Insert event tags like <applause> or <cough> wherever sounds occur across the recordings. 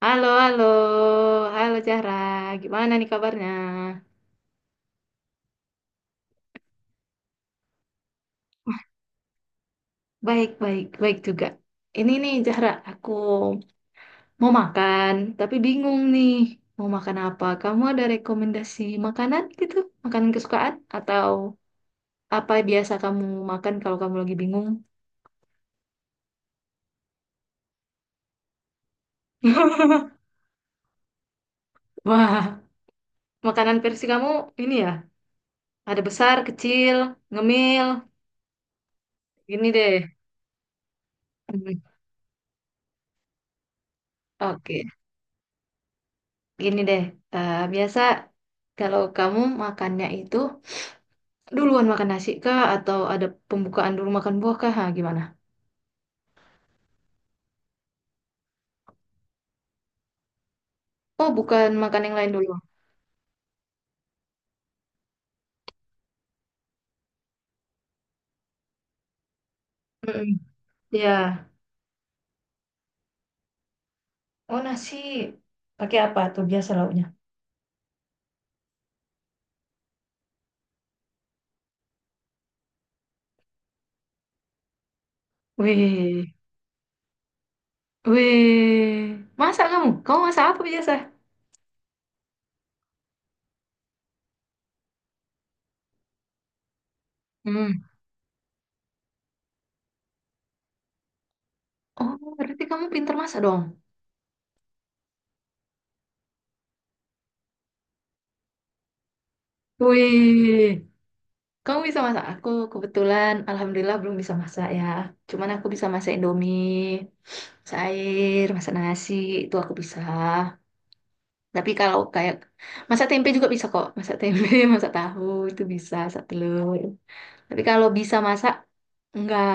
Halo, halo, halo Zahra. Gimana nih kabarnya? Baik, baik, baik juga. Ini nih Zahra, aku mau makan, tapi bingung nih mau makan apa. Kamu ada rekomendasi makanan gitu? Makanan kesukaan? Atau apa biasa kamu makan kalau kamu lagi bingung? <laughs> Wah, makanan versi kamu ini ya? Ada besar, kecil, ngemil, gini deh. Hmm. Oke, gini deh. Biasa kalau kamu makannya itu duluan makan nasi kah atau ada pembukaan dulu makan buah kah? Ha, gimana? Oh, bukan makan yang lain dulu. Mm-mm. Ya. Oh, nasi pakai apa tuh biasa lauknya? Wih. Wih. Masak kamu? Kamu masak apa biasa? Hmm. Oh, berarti kamu pintar masak dong. Wih. Kamu bisa masak? Aku kebetulan alhamdulillah belum bisa masak ya. Cuman aku bisa masak Indomie, masak air, masak nasi, itu aku bisa. Tapi kalau kayak masak tempe juga bisa kok, masak tempe, <laughs> masak tahu itu bisa, masak telur. Tapi kalau bisa masak enggak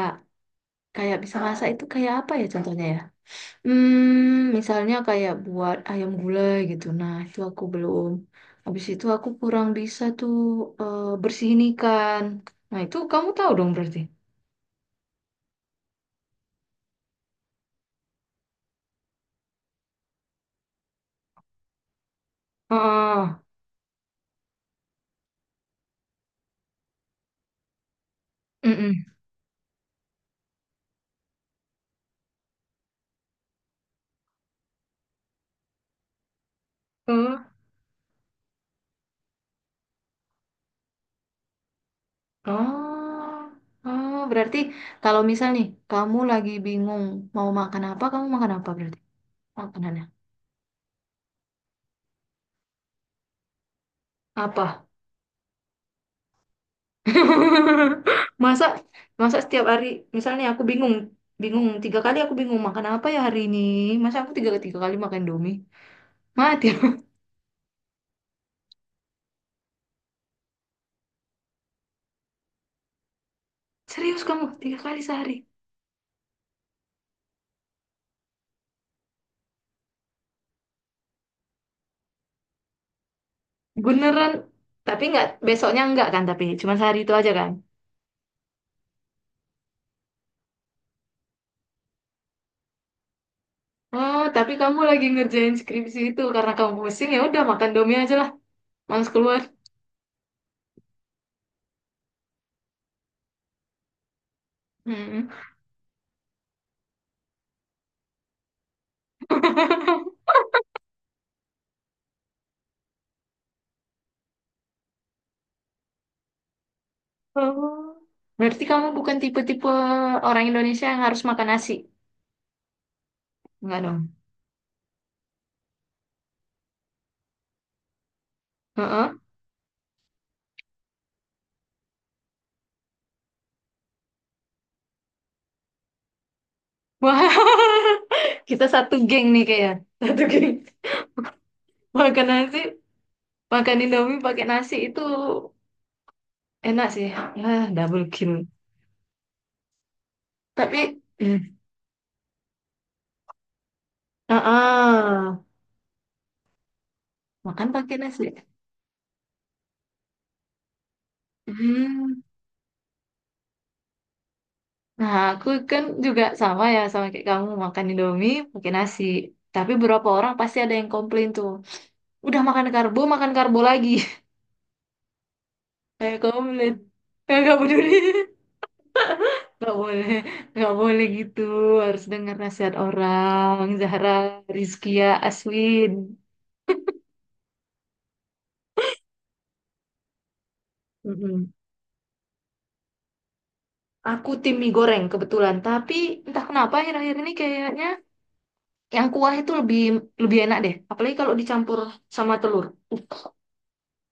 kayak bisa masak itu kayak apa ya contohnya ya? Hmm, misalnya kayak buat ayam gulai gitu. Nah, itu aku belum. Habis itu aku kurang bisa tuh, bersihin ikan. Nah, itu kamu tahu dong berarti. Oh, mm-mm. Hmm. Oh, oh, berarti kalau misal nih kamu lagi bingung mau makan apa, kamu makan apa berarti? Makanannya apa? <laughs> Masa, masa setiap hari misalnya aku bingung, bingung tiga kali aku bingung makan apa ya hari ini, masa aku tiga tiga kali makan Indomie, mati aku. <laughs> Serius kamu tiga kali sehari beneran? Tapi nggak besoknya, nggak kan? Tapi cuma sehari itu aja kan? Oh tapi kamu lagi ngerjain skripsi itu karena kamu pusing ya udah makan Indomie aja lah, males keluar. Mm. <laughs> Oh. Berarti kamu bukan tipe-tipe orang Indonesia yang harus makan nasi. Enggak dong. Heeh. Wah, <laughs> kita satu geng nih kayaknya. Satu geng. Makan nasi, makan Indomie pakai nasi itu enak sih. Ya, double kill. Tapi, hmm. Ah, ah, makan pakai nasi. Hmm. Nah, aku kan juga sama ya sama kayak kamu makan Indomie pakai nasi. Tapi beberapa orang pasti ada yang komplain tuh. Udah makan karbo lagi. <laughs> Kayak komplain. Kayak gak peduli. Nggak boleh, nggak boleh gitu. Harus dengar nasihat orang. Zahra, Rizkia, Aswin. Mm-mm. Aku tim mie goreng kebetulan. Tapi entah kenapa akhir-akhir ini kayaknya yang kuah itu lebih lebih enak deh. Apalagi kalau dicampur sama telur. Uh,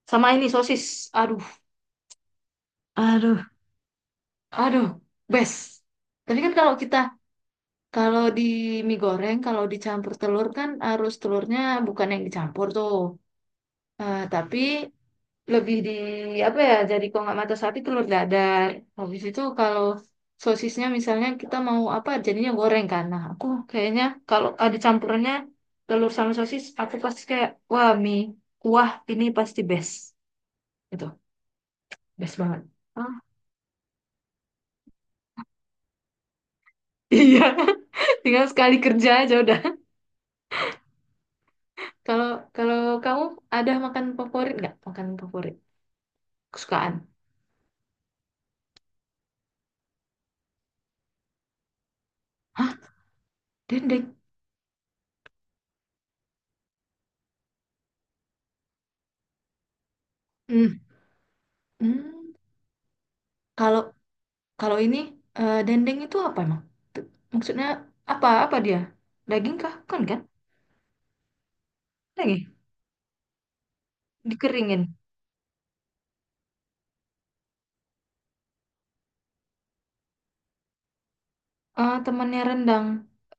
Sama ini sosis. Aduh, aduh, aduh, best. Tapi kan kalau kita kalau di mie goreng kalau dicampur telur kan harus telurnya bukan yang dicampur tuh. Tapi lebih di apa ya, jadi kalau nggak mata sapi, telur dadar. Habis itu kalau sosisnya misalnya kita mau apa jadinya goreng kan, nah aku kayaknya kalau ada campurannya telur sama sosis aku pasti kayak wah, mie kuah ini pasti best, itu best banget. Ah, iya. <laughs> Tinggal sekali kerja aja udah. Kalau kalau kamu ada makan favorit nggak, makan favorit kesukaan? Hah, dendeng? Hmm. Hmm, kalau Kalau ini, dendeng itu apa emang? T- maksudnya apa, apa dia? Daging kah? Kan, kan? Daging. Dikeringin. Eh, temannya rendang.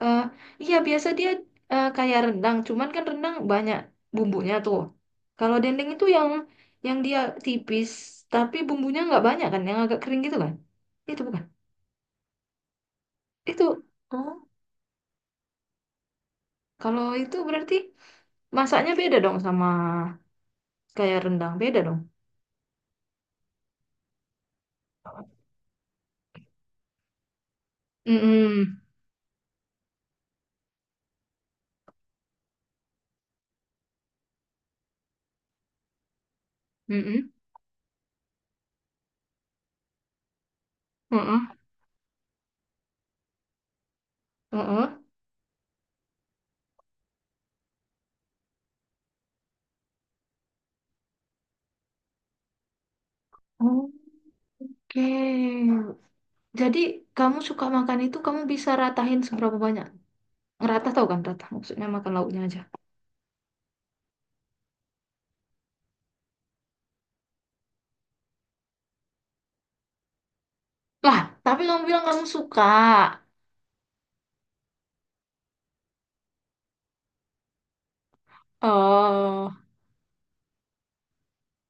Eh, iya biasa dia, kayak rendang, cuman kan rendang banyak bumbunya tuh. Kalau dendeng itu yang dia tipis tapi bumbunya nggak banyak kan, yang agak kering gitu kan? Itu bukan. Itu oh, kalau itu berarti masaknya beda dong sama kayak rendang, beda dong. Mm-mm. Mm-mm. Mm-mm. Mm-mm. Oh. Oke, jadi kamu suka makan itu, kamu bisa ratahin seberapa banyak? Ngeratah tau kan rata, maksudnya makan lauknya aja. Lah, tapi kamu bilang kamu suka. Oh,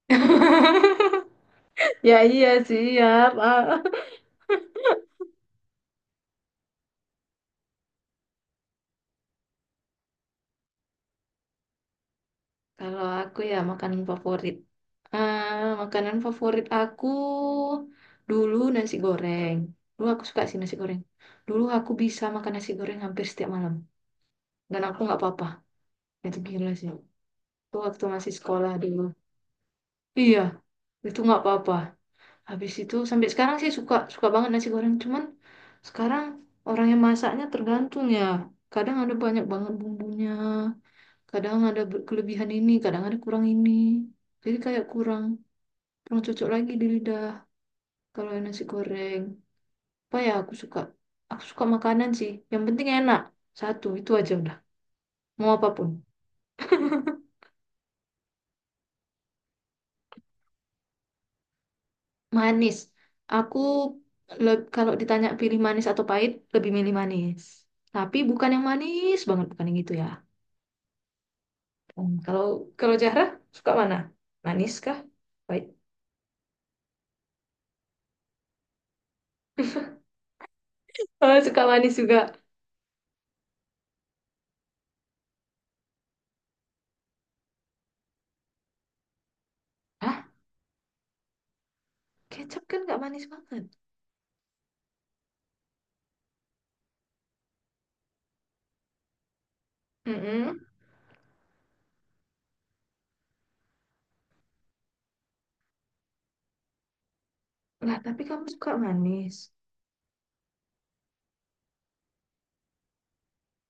<laughs> ya iya sih ya. Pak. Kalau aku ya makanan favorit. Eh, Makanan favorit aku dulu nasi goreng. Dulu aku suka sih nasi goreng. Dulu aku bisa makan nasi goreng hampir setiap malam. Dan aku nggak apa-apa. Itu gila sih. Itu waktu masih sekolah dulu. Iya, itu nggak apa-apa. Habis itu sampai sekarang sih suka, suka banget nasi goreng, cuman sekarang orang yang masaknya tergantung ya, kadang ada banyak banget bumbunya, kadang ada ber- kelebihan ini, kadang ada kurang ini, jadi kayak kurang, kurang cocok lagi di lidah kalau yang nasi goreng. Apa ya, aku suka, aku suka makanan sih yang penting enak, satu itu aja udah, mau apapun. Manis. Aku le- kalau ditanya pilih manis atau pahit, lebih milih manis. Tapi bukan yang manis banget, bukan yang gitu ya. Hmm, Kalau kalau Zahra suka mana? Manis kah? Pahit. <laughs> Oh, suka manis juga. Hah? Kecap kan nggak manis banget. Mm-mm. Lah, tapi kamu suka manis.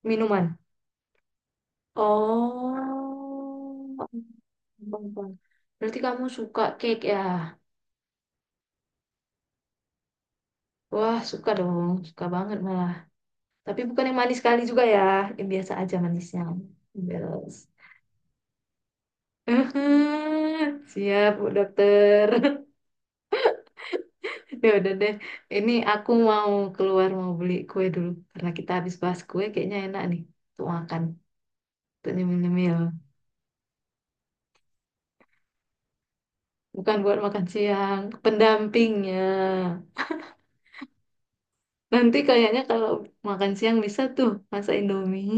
Minuman. Oh. Bang, bang. Berarti kamu suka cake ya? Wah, suka dong. Suka banget malah. Tapi bukan yang manis sekali juga ya, yang biasa aja manisnya. Beres. <laughs> Siap, Bu Dokter. <laughs> Ya udah deh. Ini aku mau keluar mau beli kue dulu karena kita habis bahas kue kayaknya enak nih untuk makan, untuk nyemil-nyemil. Bukan buat makan siang, pendampingnya. Nanti kayaknya kalau makan siang bisa tuh masak Indomie,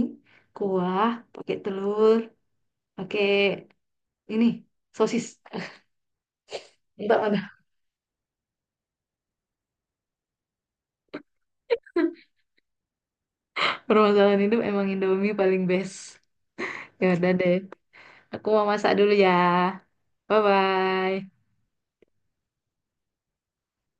kuah, pakai telur, pakai ini sosis. <laughs> Entah mana. Permasalahan hidup emang Indomie paling best. Ya udah deh. Aku mau masak dulu ya. Bye bye.